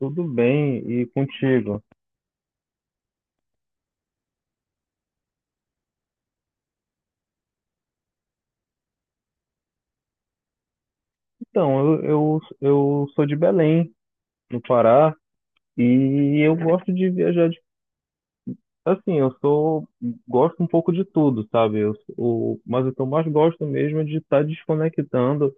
Tudo bem, e contigo? Então, eu sou de Belém, no Pará, e eu gosto de viajar. Assim, Gosto um pouco de tudo, sabe? Mas o que eu mais gosto mesmo é de estar desconectando.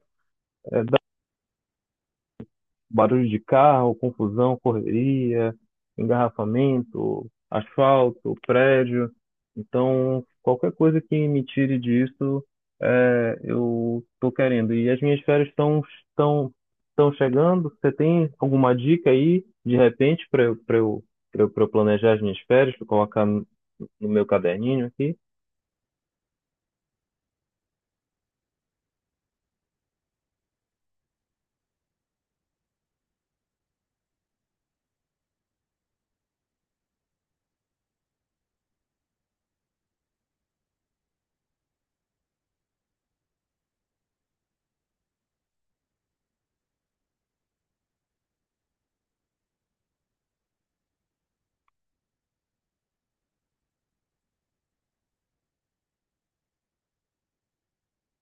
Barulho de carro, confusão, correria, engarrafamento, asfalto, prédio. Então, qualquer coisa que me tire disso, eu estou querendo. E as minhas férias estão estão chegando. Você tem alguma dica aí, de repente, pra eu planejar as minhas férias, para colocar no meu caderninho aqui?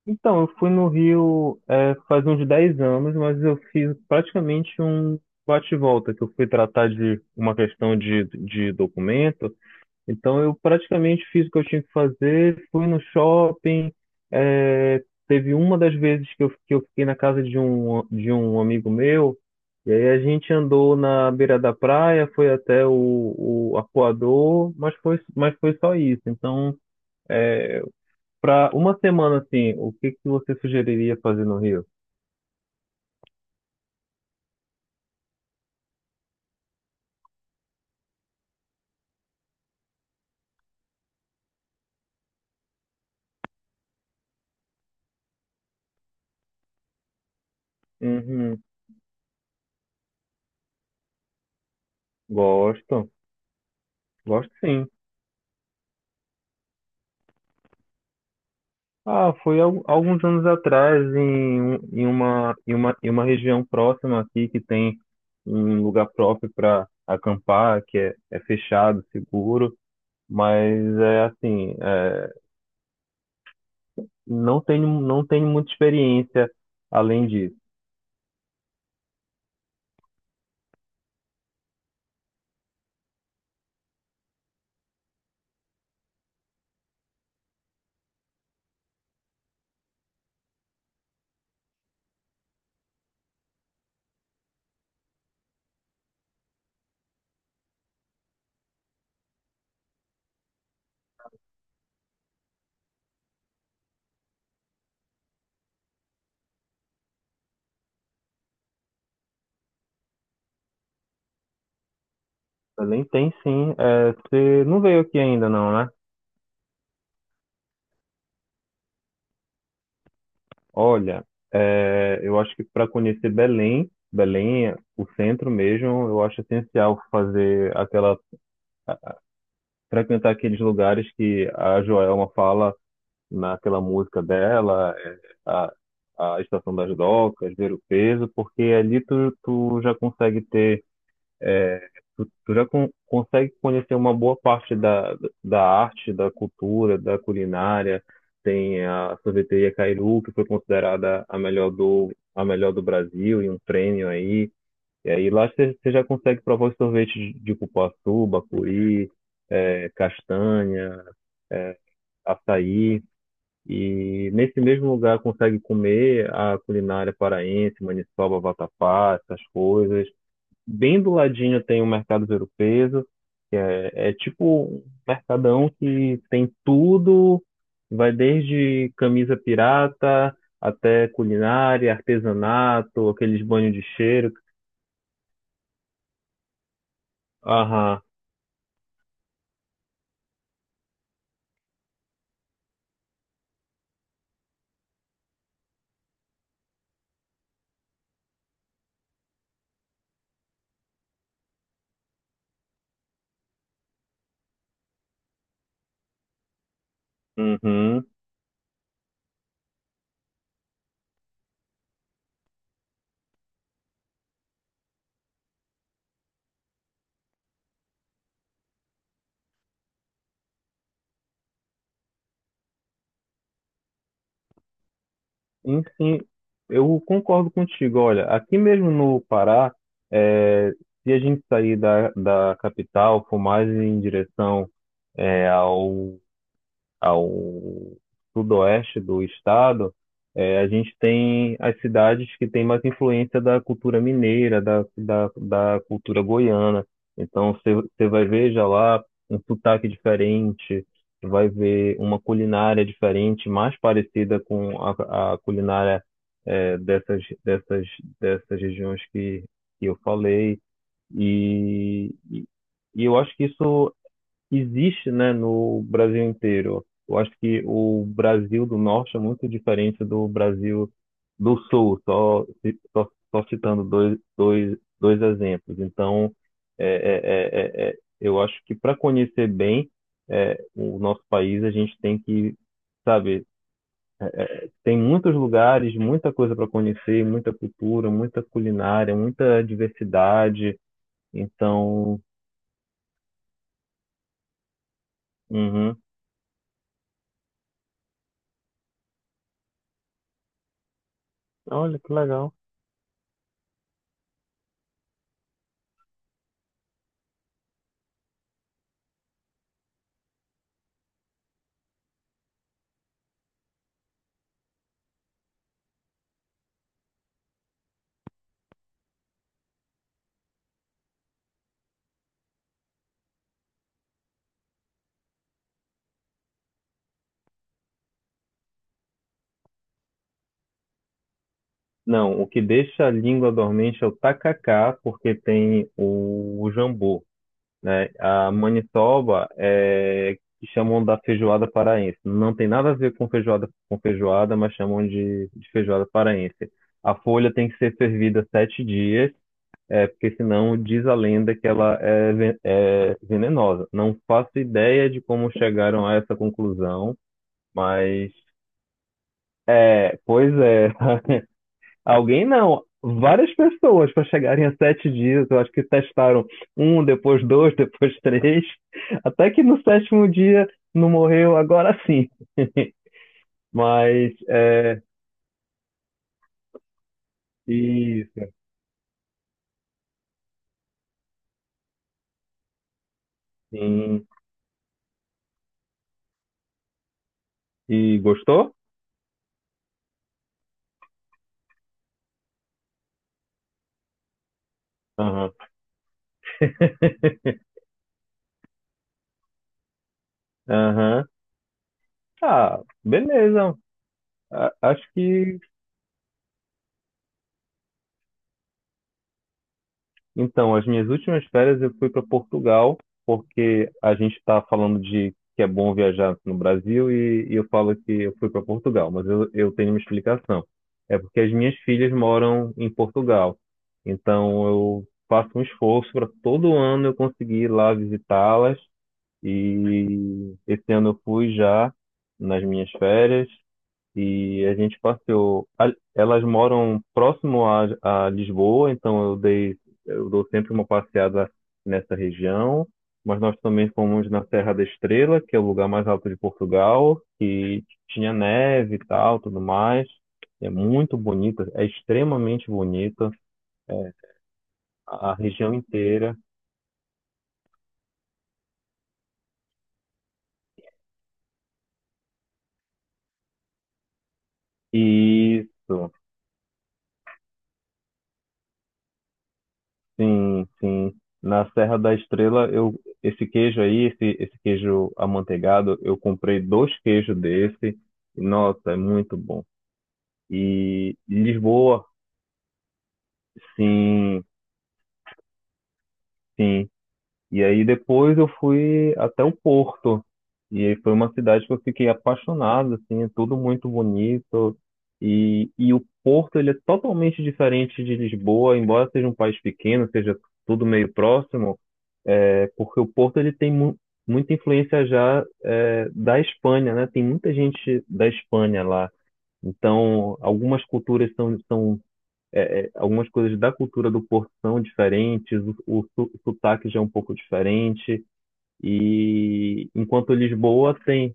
Então, eu fui no Rio, faz uns 10 anos, mas eu fiz praticamente um bate-volta, que eu fui tratar de uma questão de documento. Então, eu praticamente fiz o que eu tinha que fazer, fui no shopping. Teve uma das vezes que eu fiquei na casa de um amigo meu, e aí a gente andou na beira da praia, foi até o Arpoador, mas foi só isso. Então. é, Para uma semana, assim, o que que você sugeriria fazer no Rio? Uhum, gosto, gosto sim. Ah, foi alguns anos atrás em uma região próxima aqui que tem um lugar próprio para acampar, que é fechado, seguro, mas é assim, não tenho muita experiência além disso. Além tem sim, você não veio aqui ainda não, né? Olha, eu acho que para conhecer Belém, Belém é o centro mesmo, eu acho essencial fazer aquela, frequentar aqueles lugares que a Joelma fala naquela música dela, a, a Estação das Docas, ver o peso, porque ali tu já consegue ter. Tu já consegue conhecer uma boa parte da arte, da cultura, da culinária. Tem a sorveteria Cairu, que foi considerada a melhor do Brasil, e um prêmio aí. E aí lá você já consegue provar os sorvetes de cupuaçu, bacuri, castanha, açaí. E nesse mesmo lugar consegue comer a culinária paraense, maniçoba, vatapá, essas coisas. Bem do ladinho tem o mercado Vero, que é tipo um mercadão que tem tudo, vai desde camisa pirata até culinária, artesanato, aqueles banhos de cheiro. Aham, uhum. Enfim, eu concordo contigo. Olha, aqui mesmo no Pará, é, se a gente sair da capital, for mais em direção, é, ao ao sudoeste do estado, A gente tem as cidades que têm mais influência da cultura mineira, da cultura goiana. Então, você vai ver já lá um sotaque diferente, vai ver uma culinária diferente, mais parecida com a culinária, eh, dessas, dessas, dessas regiões que eu falei. E, e e eu acho que isso existe, né, no Brasil inteiro. Eu acho que o Brasil do Norte é muito diferente do Brasil do Sul, só citando dois exemplos. Então, eu acho que para conhecer bem, o nosso país, a gente tem que, sabe, tem muitos lugares, muita coisa para conhecer, muita cultura, muita culinária, muita diversidade. Então, uhum. Olha que legal. Não, o que deixa a língua dormente é o tacacá, porque tem o jambu, né? A maniçoba é que chamam da feijoada paraense. Não tem nada a ver com feijoada, mas chamam de feijoada paraense. A folha tem que ser fervida 7 dias, é porque senão diz a lenda que ela é venenosa. Não faço ideia de como chegaram a essa conclusão, mas pois é. Alguém não, várias pessoas para chegarem a 7 dias. Eu acho que testaram um, depois dois, depois três, até que no sétimo dia não morreu, agora sim. Mas é isso, sim. E gostou? Aham. Aham. Ah, beleza. A- Acho que Então, as minhas últimas férias eu fui para Portugal, porque a gente está falando de que é bom viajar no Brasil, e eu falo que eu fui para Portugal, mas eu tenho uma explicação. É porque as minhas filhas moram em Portugal, então eu faço um esforço para todo ano eu conseguir ir lá visitá-las, e esse ano eu fui já nas minhas férias e a gente passeou. Elas moram próximo a Lisboa, então eu dou sempre uma passeada nessa região. Mas nós também fomos na Serra da Estrela, que é o lugar mais alto de Portugal, que tinha neve e tal, tudo mais. É muito bonita, é extremamente bonita, é, a região inteira. Isso. Sim, sim. Na Serra da Estrela, esse queijo aí, esse queijo amanteigado, eu comprei dois queijos desse. Nossa, é muito bom. E Lisboa, sim, sim. E aí depois eu fui até o Porto. E aí foi uma cidade que eu fiquei apaixonado, assim, é tudo muito bonito. E o Porto, ele é totalmente diferente de Lisboa, embora seja um país pequeno, seja tudo meio próximo. É, porque o Porto, ele tem mu muita influência já, da Espanha, né? Tem muita gente da Espanha lá. Então, algumas culturas são. Algumas coisas da cultura do Porto são diferentes, o sotaque já é um pouco diferente. E enquanto Lisboa tem.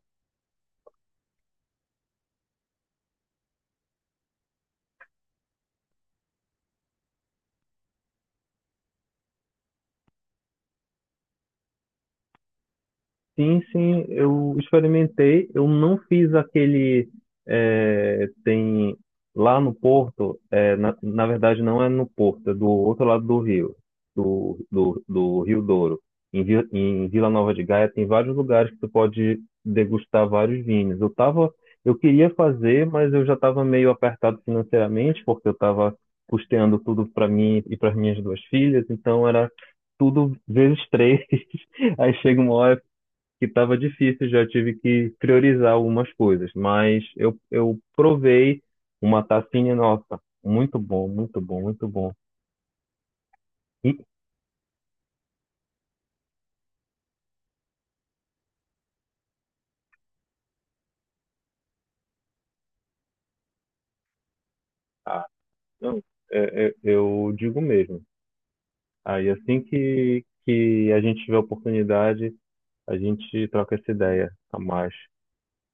Sim, sim, eu experimentei. Eu não fiz aquele. Tem lá no Porto, na verdade não é no Porto, é do outro lado do rio, do Rio Douro. Em Vila Nova de Gaia tem vários lugares que tu pode degustar vários vinhos. Eu queria fazer, mas eu já estava meio apertado financeiramente, porque eu estava custeando tudo para mim e para minhas duas filhas, então era tudo vezes três. Aí chega uma hora que estava difícil, já tive que priorizar algumas coisas, mas eu provei uma tacinha, nossa, muito bom, muito bom, muito bom. E, ah, não, eu digo mesmo. Aí assim que a gente tiver oportunidade, a gente troca essa ideia a mais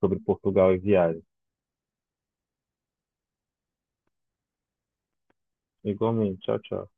sobre Portugal e viagem. Igualmente, tchau, tchau.